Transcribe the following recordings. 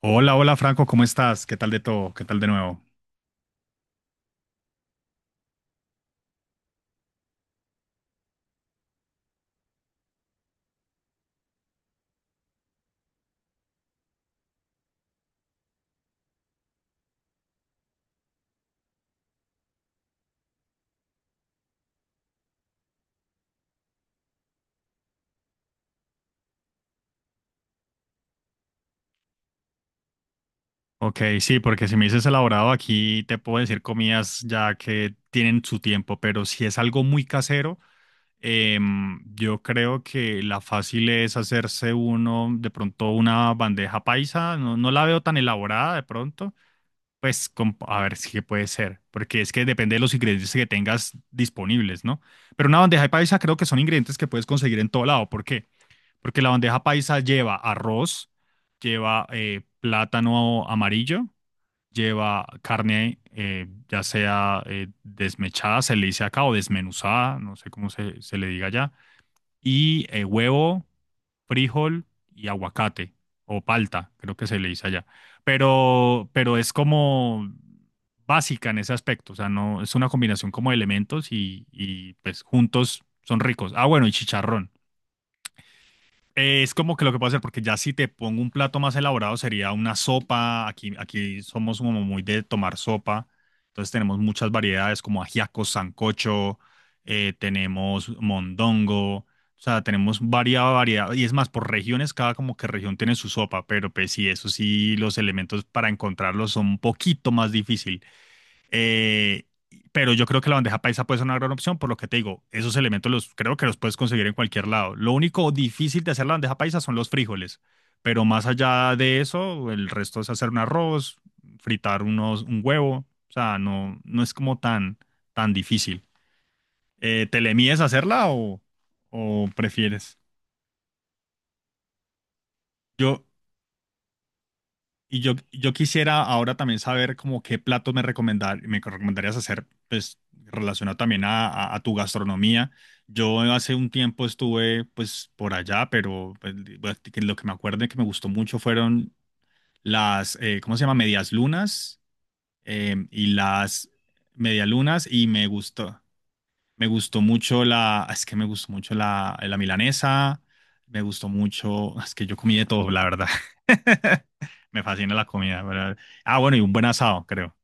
Hola, hola Franco, ¿cómo estás? ¿Qué tal de todo? ¿Qué tal de nuevo? Ok, sí, porque si me dices elaborado aquí te puedo decir comidas ya que tienen su tiempo, pero si es algo muy casero, yo creo que la fácil es hacerse uno de pronto una bandeja paisa, no, no la veo tan elaborada de pronto, pues a ver si puede ser, porque es que depende de los ingredientes que tengas disponibles, ¿no? Pero una bandeja paisa creo que son ingredientes que puedes conseguir en todo lado, ¿por qué? Porque la bandeja paisa lleva arroz, lleva plátano amarillo, lleva carne, ya sea desmechada, se le dice acá, o desmenuzada, no sé cómo se le diga allá, y huevo, frijol y aguacate, o palta, creo que se le dice allá. Pero es como básica en ese aspecto, o sea, no, es una combinación como de elementos y pues juntos son ricos. Ah, bueno, y chicharrón. Es como que lo que puedo hacer, porque ya si te pongo un plato más elaborado sería una sopa. Aquí, aquí somos como muy de tomar sopa. Entonces tenemos muchas variedades como ajiaco, sancocho, tenemos mondongo. O sea, tenemos variada variedad. Y es más, por regiones, cada como que región tiene su sopa. Pero pues sí, eso sí, los elementos para encontrarlos son un poquito más difícil. Eh, pero yo creo que la bandeja paisa puede ser una gran opción, por lo que te digo, esos elementos los creo que los puedes conseguir en cualquier lado. Lo único difícil de hacer la bandeja paisa son los frijoles, pero más allá de eso, el resto es hacer un arroz, fritar un huevo, o sea, no, no es como tan, tan difícil. ¿Te le mides a hacerla o prefieres? Yo, Y yo quisiera ahora también saber como qué platos me recomendarías hacer, pues relacionado también a, a tu gastronomía. Yo hace un tiempo estuve pues por allá, pero pues, bueno, que lo que me acuerdo y que me gustó mucho fueron las, ¿cómo se llama? Medias lunas y las medialunas y me gustó. Me gustó mucho es que me gustó mucho la milanesa, me gustó mucho, es que yo comí de todo, la verdad. Me fascina la comida, ¿verdad? Ah, bueno, y un buen asado, creo.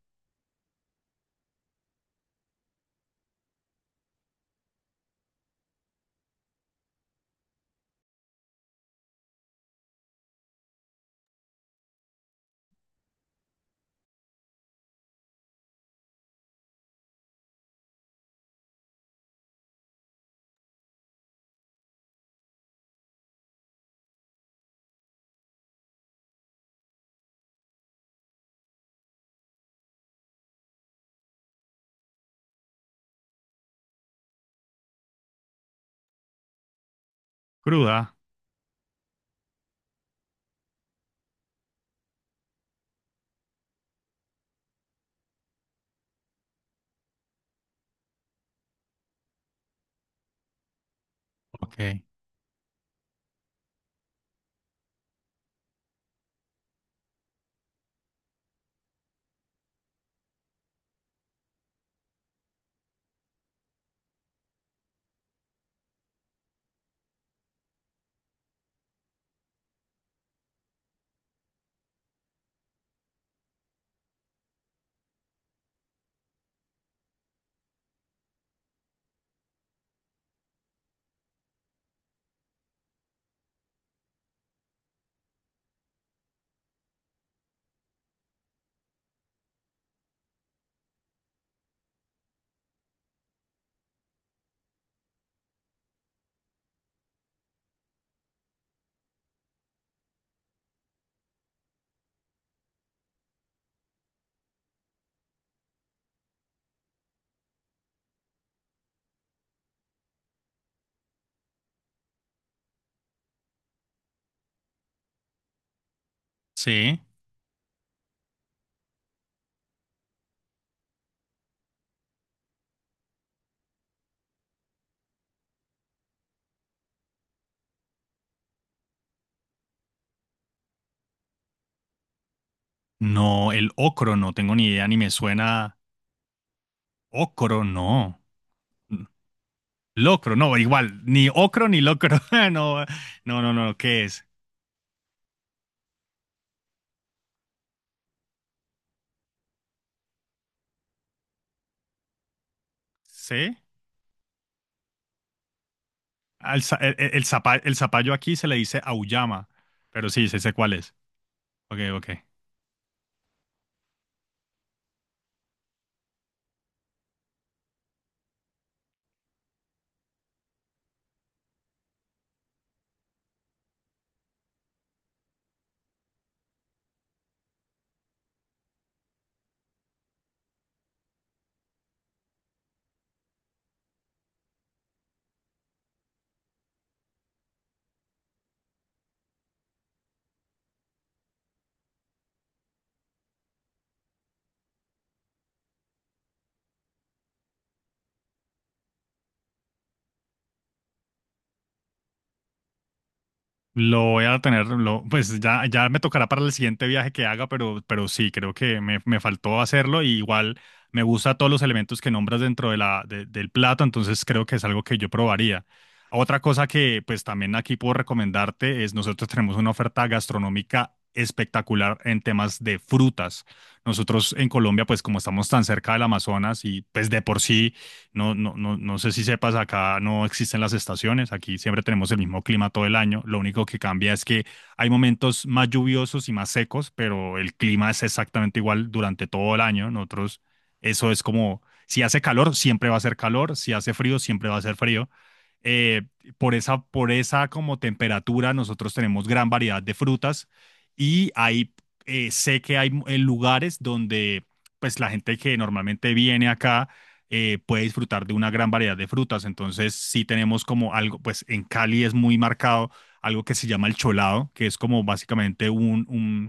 Cruda, ok. Sí. No, el ocro, no tengo ni idea, ni me suena. Ocro, no. Locro, no, igual, ni ocro ni locro. No, no, no, no, ¿qué es? ¿Sí? El zapallo aquí se le dice auyama, pero sí, sé cuál es. Ok, ok. Lo voy a tener, pues ya, ya me tocará para el siguiente viaje que haga, pero sí, creo que me faltó hacerlo y igual me gusta todos los elementos que nombras dentro de la, del plato, entonces creo que es algo que yo probaría. Otra cosa que pues también aquí puedo recomendarte es nosotros tenemos una oferta gastronómica espectacular en temas de frutas. Nosotros en Colombia, pues como estamos tan cerca del Amazonas y pues de por sí no, no, no, no sé si sepas, acá no existen las estaciones, aquí siempre tenemos el mismo clima todo el año, lo único que cambia es que hay momentos más lluviosos y más secos, pero el clima es exactamente igual durante todo el año. Nosotros, eso es como, si hace calor, siempre va a ser calor, si hace frío, siempre va a ser frío. Eh, por esa, por esa como temperatura, nosotros tenemos gran variedad de frutas y hay, sé que hay lugares donde pues la gente que normalmente viene acá puede disfrutar de una gran variedad de frutas. Entonces sí tenemos como algo, pues en Cali es muy marcado algo que se llama el cholado, que es como básicamente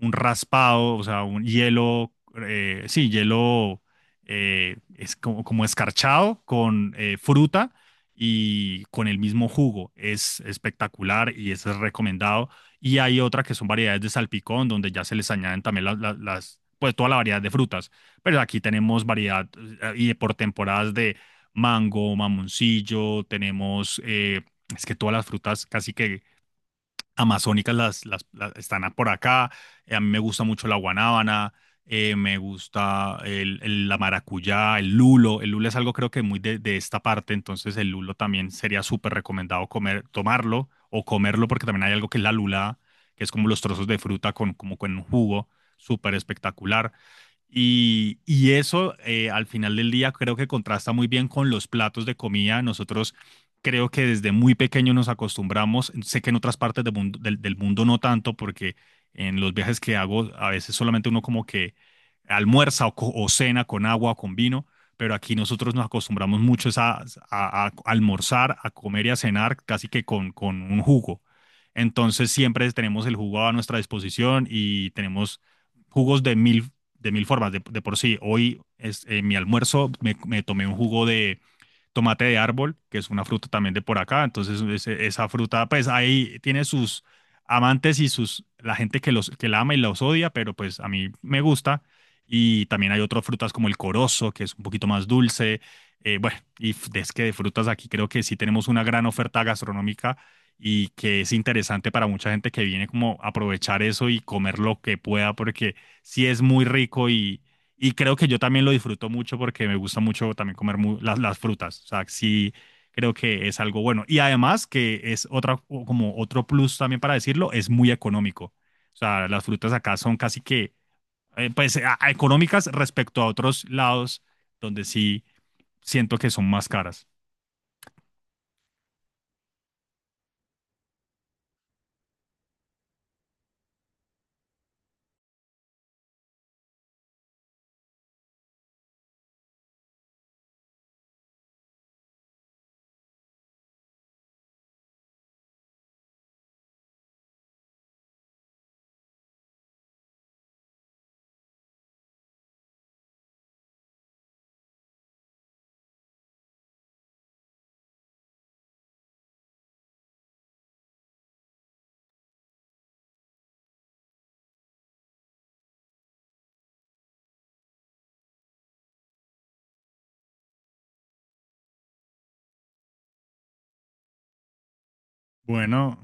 un raspado, o sea, un hielo, sí, hielo es como, como escarchado con fruta y con el mismo jugo. Es espectacular y ese es recomendado. Y hay otra que son variedades de salpicón, donde ya se les añaden también las, pues toda la variedad de frutas. Pero aquí tenemos variedad y por temporadas de mango, mamoncillo, tenemos, es que todas las frutas casi que amazónicas están por acá. A mí me gusta mucho la guanábana, me gusta la maracuyá, el lulo. El lulo es algo creo que muy de esta parte, entonces el lulo también sería súper recomendado comer, tomarlo o comerlo porque también hay algo que es la lula, que es como los trozos de fruta con, como con un jugo súper espectacular. Y eso al final del día creo que contrasta muy bien con los platos de comida. Nosotros creo que desde muy pequeño nos acostumbramos, sé que en otras partes del mundo, del mundo no tanto, porque en los viajes que hago a veces solamente uno como que almuerza o, o cena con agua o con vino, pero aquí nosotros nos acostumbramos mucho es a, a almorzar, a comer y a cenar casi que con un jugo. Entonces siempre tenemos el jugo a nuestra disposición y tenemos jugos de mil formas. De por sí, hoy es, mi almuerzo me tomé un jugo de, tomate de árbol, que es una fruta también de por acá. Entonces, esa fruta, pues ahí tiene sus amantes y sus, la gente que los, que la ama y los odia, pero pues a mí me gusta. Y también hay otras frutas como el corozo, que es un poquito más dulce. Bueno, y es que de frutas aquí creo que sí tenemos una gran oferta gastronómica y que es interesante para mucha gente que viene como a aprovechar eso y comer lo que pueda, porque sí es muy rico y creo que yo también lo disfruto mucho porque me gusta mucho también comer las frutas. O sea, sí, creo que es algo bueno. Y además que es otra, o como otro plus también para decirlo, es muy económico. O sea, las frutas acá son casi que, pues, a económicas respecto a otros lados donde sí siento que son más caras. Bueno,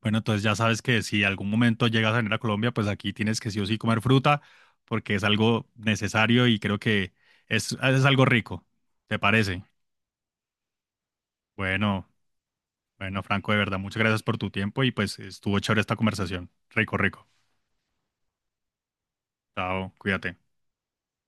bueno, entonces ya sabes que si algún momento llegas a venir a Colombia, pues aquí tienes que sí o sí comer fruta porque es algo necesario y creo que es algo rico. ¿Te parece? Bueno, bueno, Franco, de verdad, muchas gracias por tu tiempo y pues estuvo chévere esta conversación. Rico, rico. Chao, cuídate.